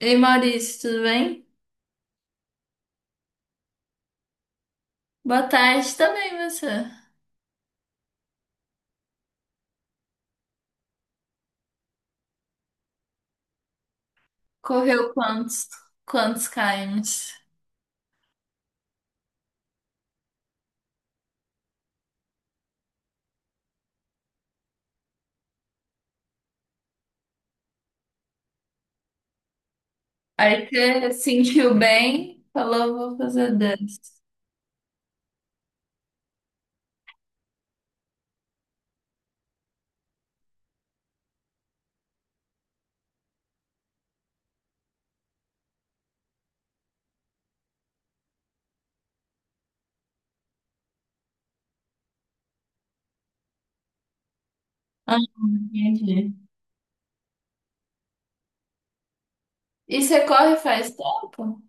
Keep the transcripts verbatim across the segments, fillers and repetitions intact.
Ei Maurício, tudo bem? Boa tarde também, você. Correu quantos, quantos kms? Aí você sentiu bem, falou, vou fazer dez. Ah, entendi. E você corre faz tempo?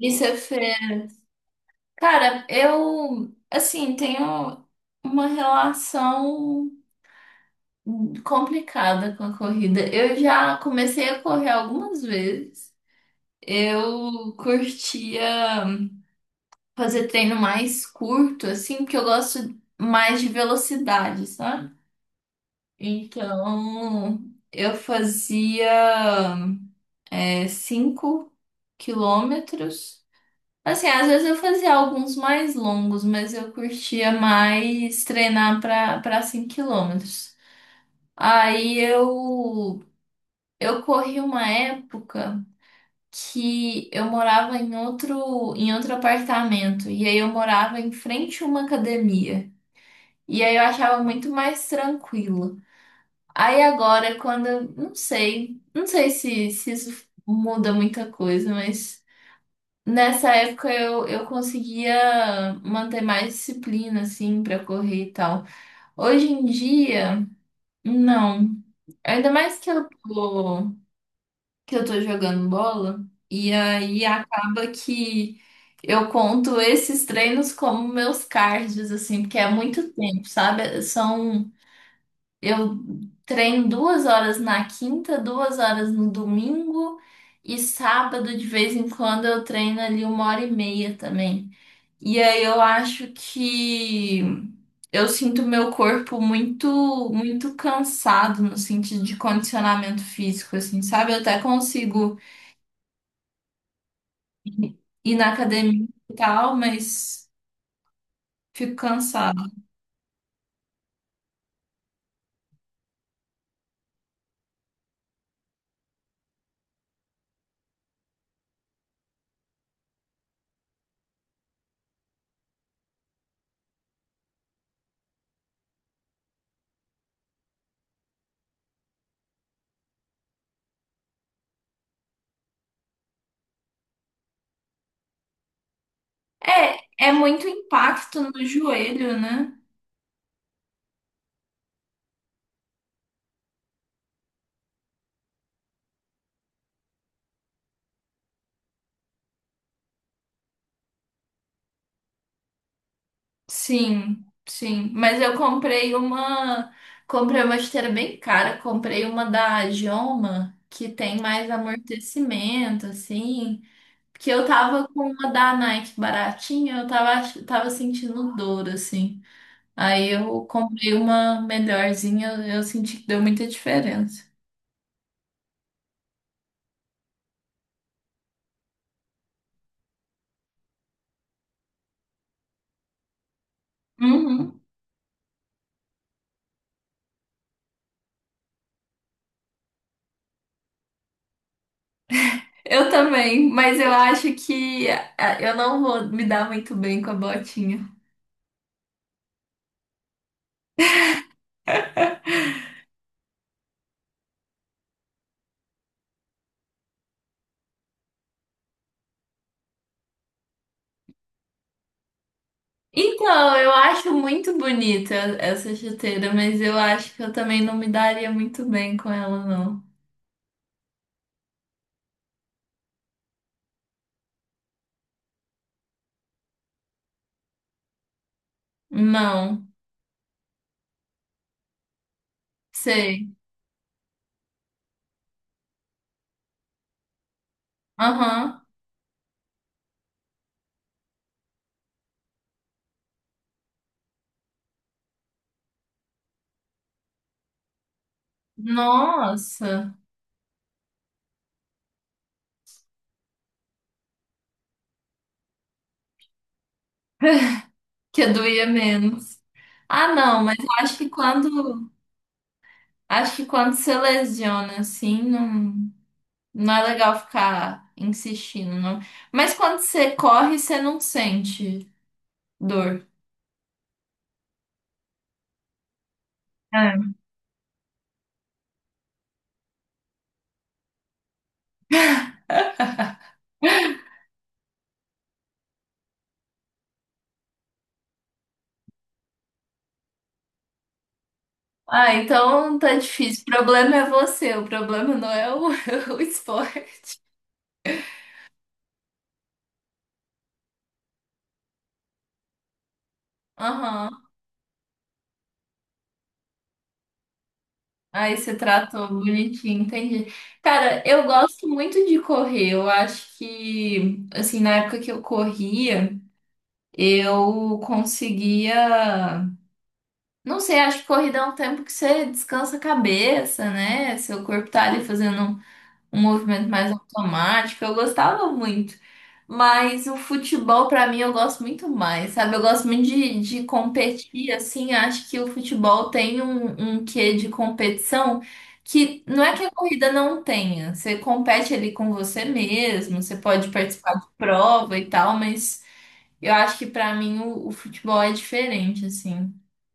E você fez... Cara, eu, assim, tenho uma relação complicada com a corrida. Eu já comecei a correr algumas vezes. Eu curtia fazer treino mais curto, assim, porque eu gosto mais de velocidade, sabe? Então, eu fazia é, cinco quilômetros. Assim, às vezes eu fazia alguns mais longos, mas eu curtia mais treinar para para cinco quilômetros. Aí eu eu corri uma época que eu morava em outro em outro apartamento e aí eu morava em frente a uma academia. E aí eu achava muito mais tranquilo. Aí agora, quando, não sei, não sei se, se isso muda muita coisa, mas nessa época eu, eu conseguia manter mais disciplina, assim, pra correr e tal. Hoje em dia, não. Ainda mais que eu tô, que eu tô jogando bola, e aí acaba que eu conto esses treinos como meus cards, assim, porque é muito tempo, sabe? São eu treino duas horas na quinta, duas horas no domingo e sábado de vez em quando eu treino ali uma hora e meia também. E aí eu acho que eu sinto meu corpo muito, muito cansado no sentido de condicionamento físico, assim, sabe? Eu até consigo ir na academia e tal, mas fico cansado. É, é muito impacto no joelho, né? Sim, sim. Mas eu comprei uma. Comprei uma esteira bem cara. Comprei uma da Joma, que tem mais amortecimento, assim. Porque eu tava com uma da Nike baratinha, eu tava, ach- tava sentindo dor, assim. Aí eu comprei uma melhorzinha, eu senti que deu muita diferença. Uhum. Eu também, mas eu acho que ah, eu não vou me dar muito bem com a botinha. Então, eu acho muito bonita essa chuteira, mas eu acho que eu também não me daria muito bem com ela, não. Não, sei. Aham. Nossa, que doía menos. Ah, não, mas eu acho que quando, acho que quando você lesiona, assim, não, não é legal ficar insistindo, não. Mas quando você corre, você não sente dor. É. Ah, então tá difícil. O problema é você, o problema não é o, o esporte. Aham, aí você tratou bonitinho, entendi. Cara, eu gosto muito de correr. Eu acho que, assim, na época que eu corria, eu conseguia. Não sei, acho que corrida é um tempo que você descansa a cabeça, né? Seu corpo tá ali fazendo um movimento mais automático, eu gostava muito. Mas o futebol, pra mim, eu gosto muito mais, sabe? Eu gosto muito de, de competir, assim, acho que o futebol tem um, um quê de competição que não é que a corrida não tenha. Você compete ali com você mesmo, você pode participar de prova e tal, mas eu acho que pra mim o, o futebol é diferente, assim.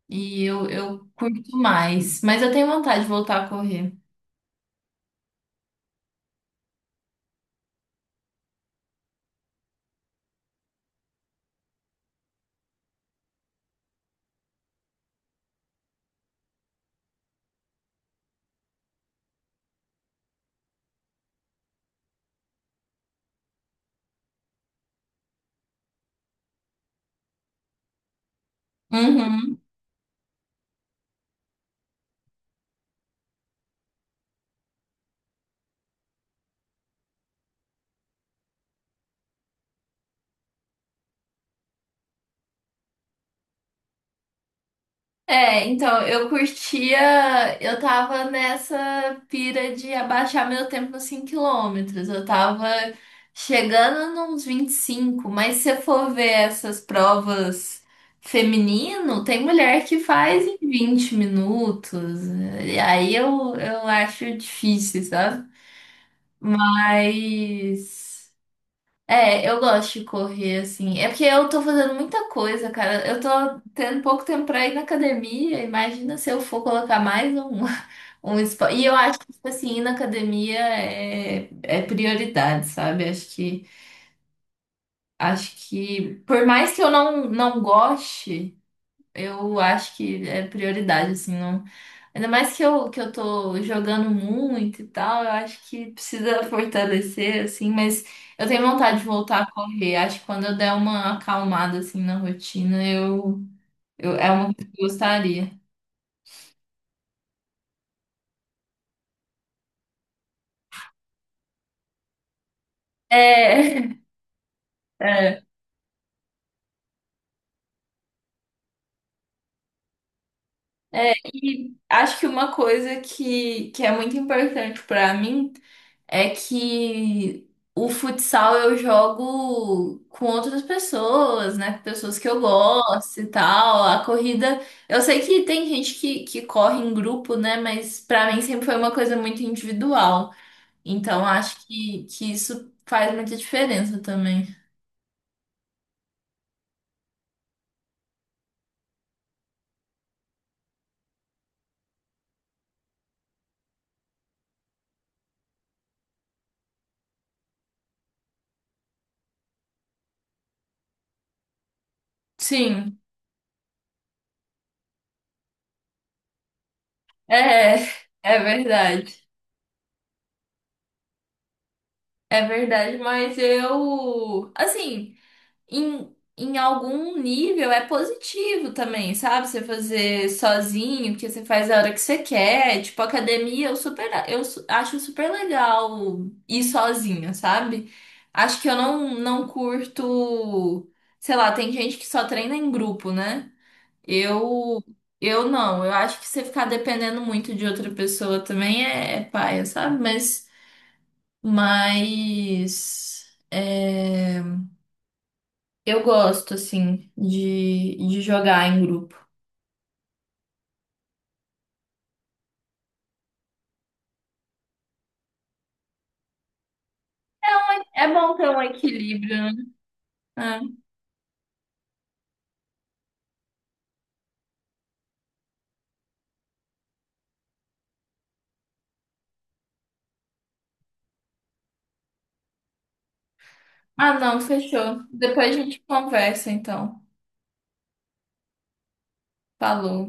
E eu, eu curto mais. Mas eu tenho vontade de voltar a correr. Uhum. É, então, eu curtia, eu tava nessa pira de abaixar meu tempo nos cinco quilômetros. Eu tava chegando nos vinte e cinco, mas se eu for ver essas provas feminino, tem mulher que faz em vinte minutos. E aí eu, eu acho difícil, sabe? Mas é, eu gosto de correr, assim. É porque eu tô fazendo muita coisa, cara. Eu tô tendo pouco tempo pra ir na academia. Imagina se eu for colocar mais um, um esporte. E eu acho que, tipo assim, ir na academia é, é prioridade, sabe? Acho que, acho que, por mais que eu não, não goste. Eu acho que é prioridade, assim, não. Ainda mais que eu, que eu tô jogando muito e tal, eu acho que precisa fortalecer, assim, mas eu tenho vontade de voltar a correr. Acho que quando eu der uma acalmada, assim, na rotina, eu, eu é uma coisa que eu gostaria. É, é, é. E acho que uma coisa que, que é muito importante pra mim. É que o futsal eu jogo com outras pessoas, né? Com pessoas que eu gosto e tal. A corrida, eu sei que tem gente que, que corre em grupo, né? Mas pra mim sempre foi uma coisa muito individual. Então acho que, que isso faz muita diferença também. Sim, é, é verdade. É verdade, mas eu, assim, em, em algum nível é positivo também, sabe? Você fazer sozinho, porque você faz a hora que você quer. Tipo, academia, eu super, eu su- acho super legal ir sozinha, sabe? Acho que eu não, não curto, sei lá, tem gente que só treina em grupo, né? Eu, eu não, eu acho que você ficar dependendo muito de outra pessoa também é, é paia, sabe? Mas, mas, é. Eu gosto, assim, de, de jogar em grupo. É bom ter um equilíbrio, né? É. Ah, não, fechou. Depois a gente conversa, então. Falou.